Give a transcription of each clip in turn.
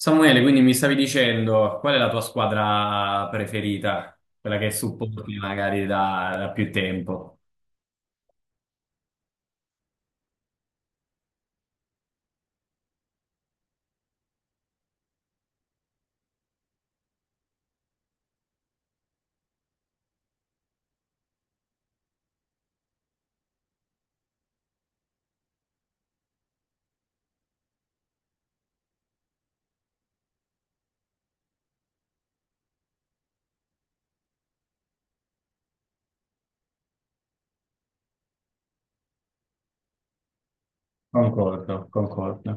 Samuele, quindi mi stavi dicendo qual è la tua squadra preferita? Quella che supporti magari da più tempo. Concordo, concordo.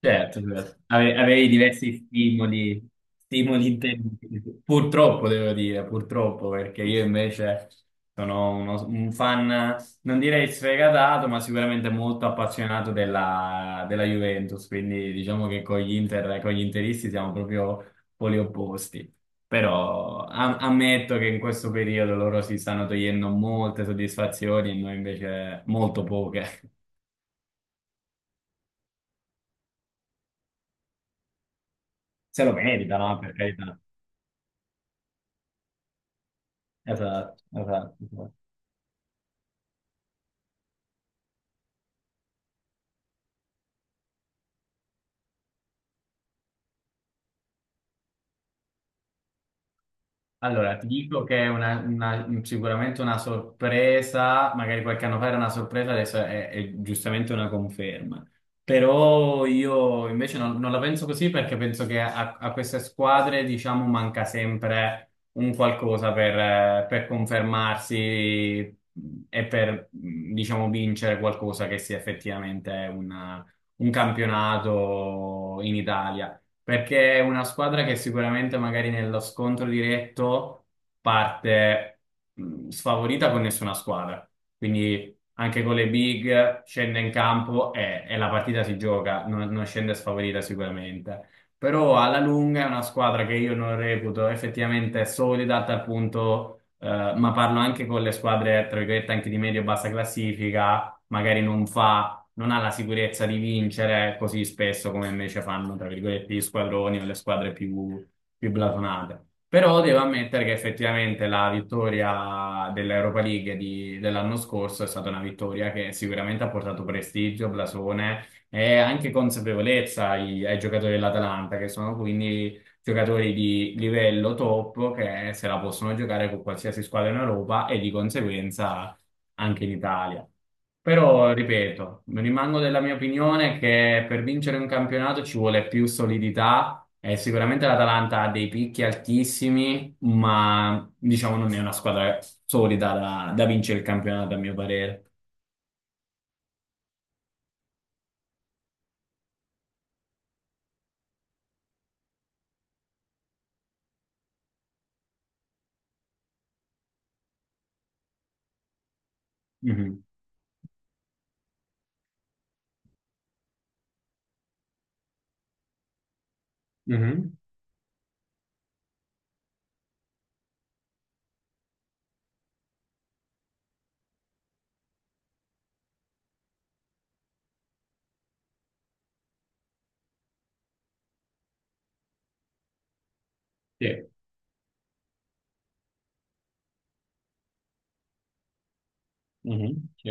Certo, certo. Avevi diversi stimoli, stimoli intensi. Purtroppo, devo dire, purtroppo, perché io invece sono un fan, non direi sfegatato, ma sicuramente molto appassionato della Juventus, quindi diciamo che con gli Inter, con gli interisti siamo proprio poli opposti. Però ammetto che in questo periodo loro si stanno togliendo molte soddisfazioni e noi invece molto poche. Se lo meritano, per carità. Esatto, esatto, esatto. Allora, ti dico che è sicuramente una sorpresa, magari qualche anno fa era una sorpresa, adesso è giustamente una conferma. Però io invece non la penso così perché penso che a queste squadre, diciamo, manca sempre un qualcosa per confermarsi e per, diciamo, vincere qualcosa che sia effettivamente un campionato in Italia. Perché è una squadra che sicuramente magari nello scontro diretto parte sfavorita con nessuna squadra. Quindi anche con le big scende in campo e la partita si gioca, non scende sfavorita sicuramente. Però alla lunga è una squadra che io non reputo effettivamente solida a tal punto, ma parlo anche con le squadre, tra virgolette, anche di medio-bassa classifica, magari non ha la sicurezza di vincere così spesso come invece fanno, tra virgolette, gli squadroni o le squadre più blasonate. Però devo ammettere che effettivamente la vittoria dell'Europa League dell'anno scorso è stata una vittoria che sicuramente ha portato prestigio, blasone e anche consapevolezza ai giocatori dell'Atalanta, che sono quindi giocatori di livello top che se la possono giocare con qualsiasi squadra in Europa e di conseguenza anche in Italia. Però, ripeto, rimango della mia opinione che per vincere un campionato ci vuole più solidità e sicuramente l'Atalanta ha dei picchi altissimi, ma diciamo non è una squadra solida da vincere il campionato, a mio parere. Mhm, mhm, sì, mhm, sì.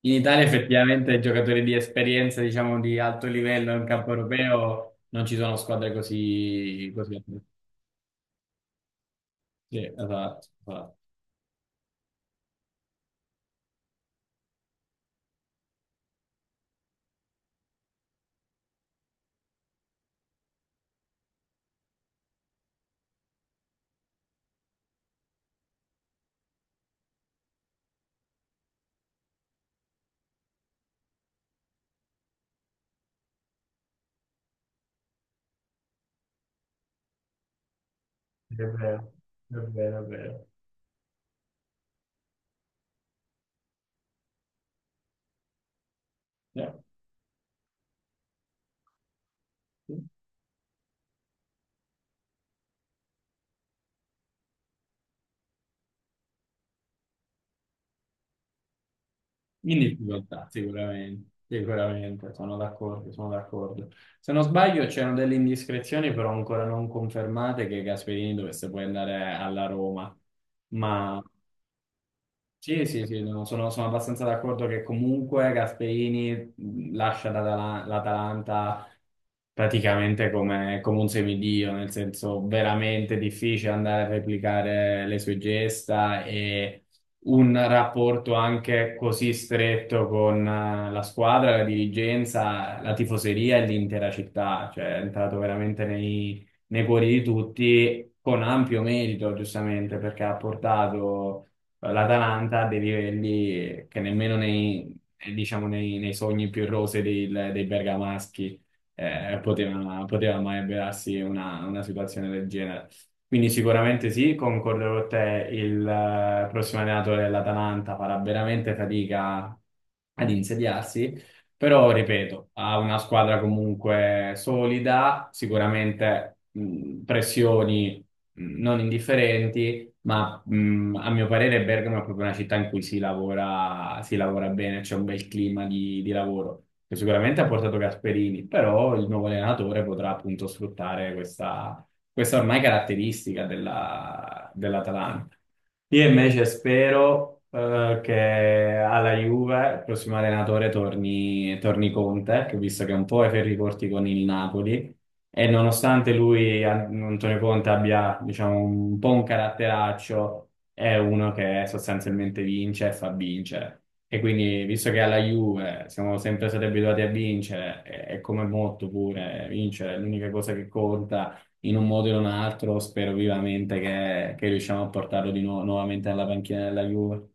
In Italia effettivamente giocatori di esperienza, diciamo, di alto livello in campo europeo non ci sono squadre così, così alte. Sì, esatto, esatto. È vero, è vero, è vero. Sì. In difficoltà, sicuramente, sicuramente, sono d'accordo, sono d'accordo. Se non sbaglio c'erano delle indiscrezioni però ancora non confermate che Gasperini dovesse poi andare alla Roma, ma sì, sì, sì, no, sono, sono abbastanza d'accordo che comunque Gasperini lascia l'Atalanta praticamente come, come un semidio, nel senso veramente difficile andare a replicare le sue gesta e un rapporto anche così stretto con la squadra, la dirigenza, la tifoseria e l'intera città, cioè è entrato veramente nei cuori di tutti con ampio merito, giustamente, perché ha portato l'Atalanta a dei livelli che nemmeno nei, diciamo, nei sogni più rosei dei bergamaschi poteva mai avverarsi una situazione del genere. Quindi sicuramente sì, concordo con te, il prossimo allenatore dell'Atalanta farà veramente fatica ad insediarsi, però ripeto, ha una squadra comunque solida, sicuramente pressioni non indifferenti, ma a mio parere Bergamo è proprio una città in cui si lavora bene, c'è un bel clima di lavoro, che sicuramente ha portato Gasperini, però il nuovo allenatore potrà appunto sfruttare questa, questa ormai caratteristica dell'Atalanta. Io invece spero che alla Juve il prossimo allenatore torni Conte, che ho visto che un po' è ferri corti con il Napoli, e nonostante lui, Antonio Conte, abbia, diciamo, un po' un caratteraccio, è uno che sostanzialmente vince e fa vincere. E quindi, visto che alla Juve siamo sempre stati abituati a vincere, e come molto pure, vincere è l'unica cosa che conta in un modo o in un altro, spero vivamente che riusciamo a portarlo di nuovo nuovamente alla panchina della Juve.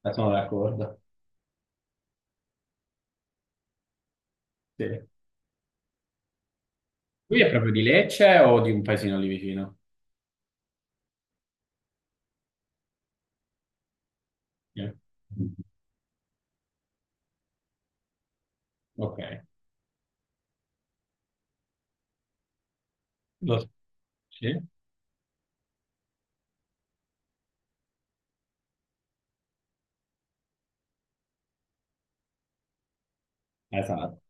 Ma sono d'accordo. Sì. Lui è proprio di Lecce o di un paesino lì vicino? Sì. Ok. Lo so. Sì. Esatto.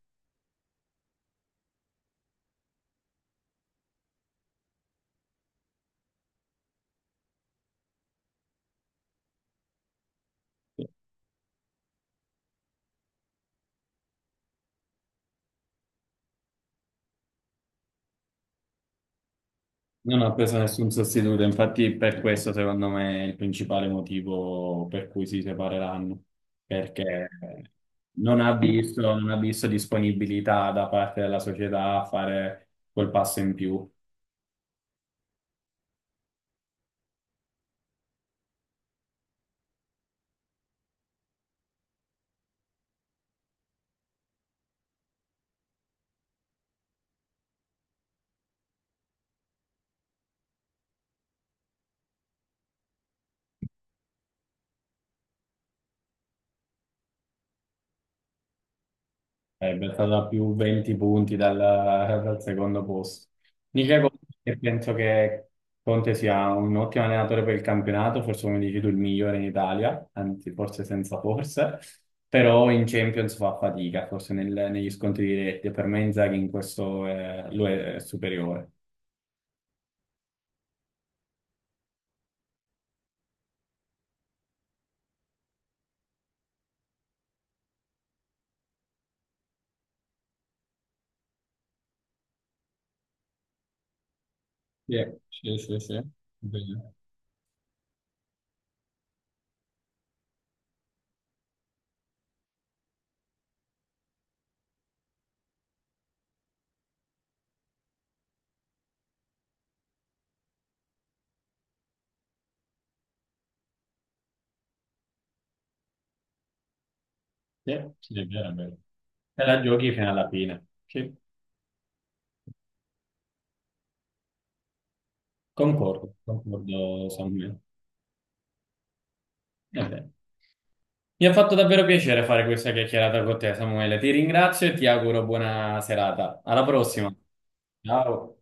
Non ha preso nessun sostituto, infatti per questo secondo me è il principale motivo per cui si separeranno, perché non ha visto, non ha visto disponibilità da parte della società a fare quel passo in più. Sarebbe stata più 20 punti dal secondo posto. Dice Conte che penso che Conte sia un ottimo allenatore per il campionato, forse come dici tu il migliore in Italia, anzi forse senza forse, però in Champions fa fatica, forse negli scontri diretti. Per me Inzaghi in questo è superiore. Sì, sì, sì, sì, è vero. Sì, sì, è vero, è vero. Te la giochi fino alla fine. Sì, concordo, concordo Samuele. È vero. Mi ha fatto davvero piacere fare questa chiacchierata con te, Samuele. Ti ringrazio e ti auguro buona serata. Alla prossima. Ciao.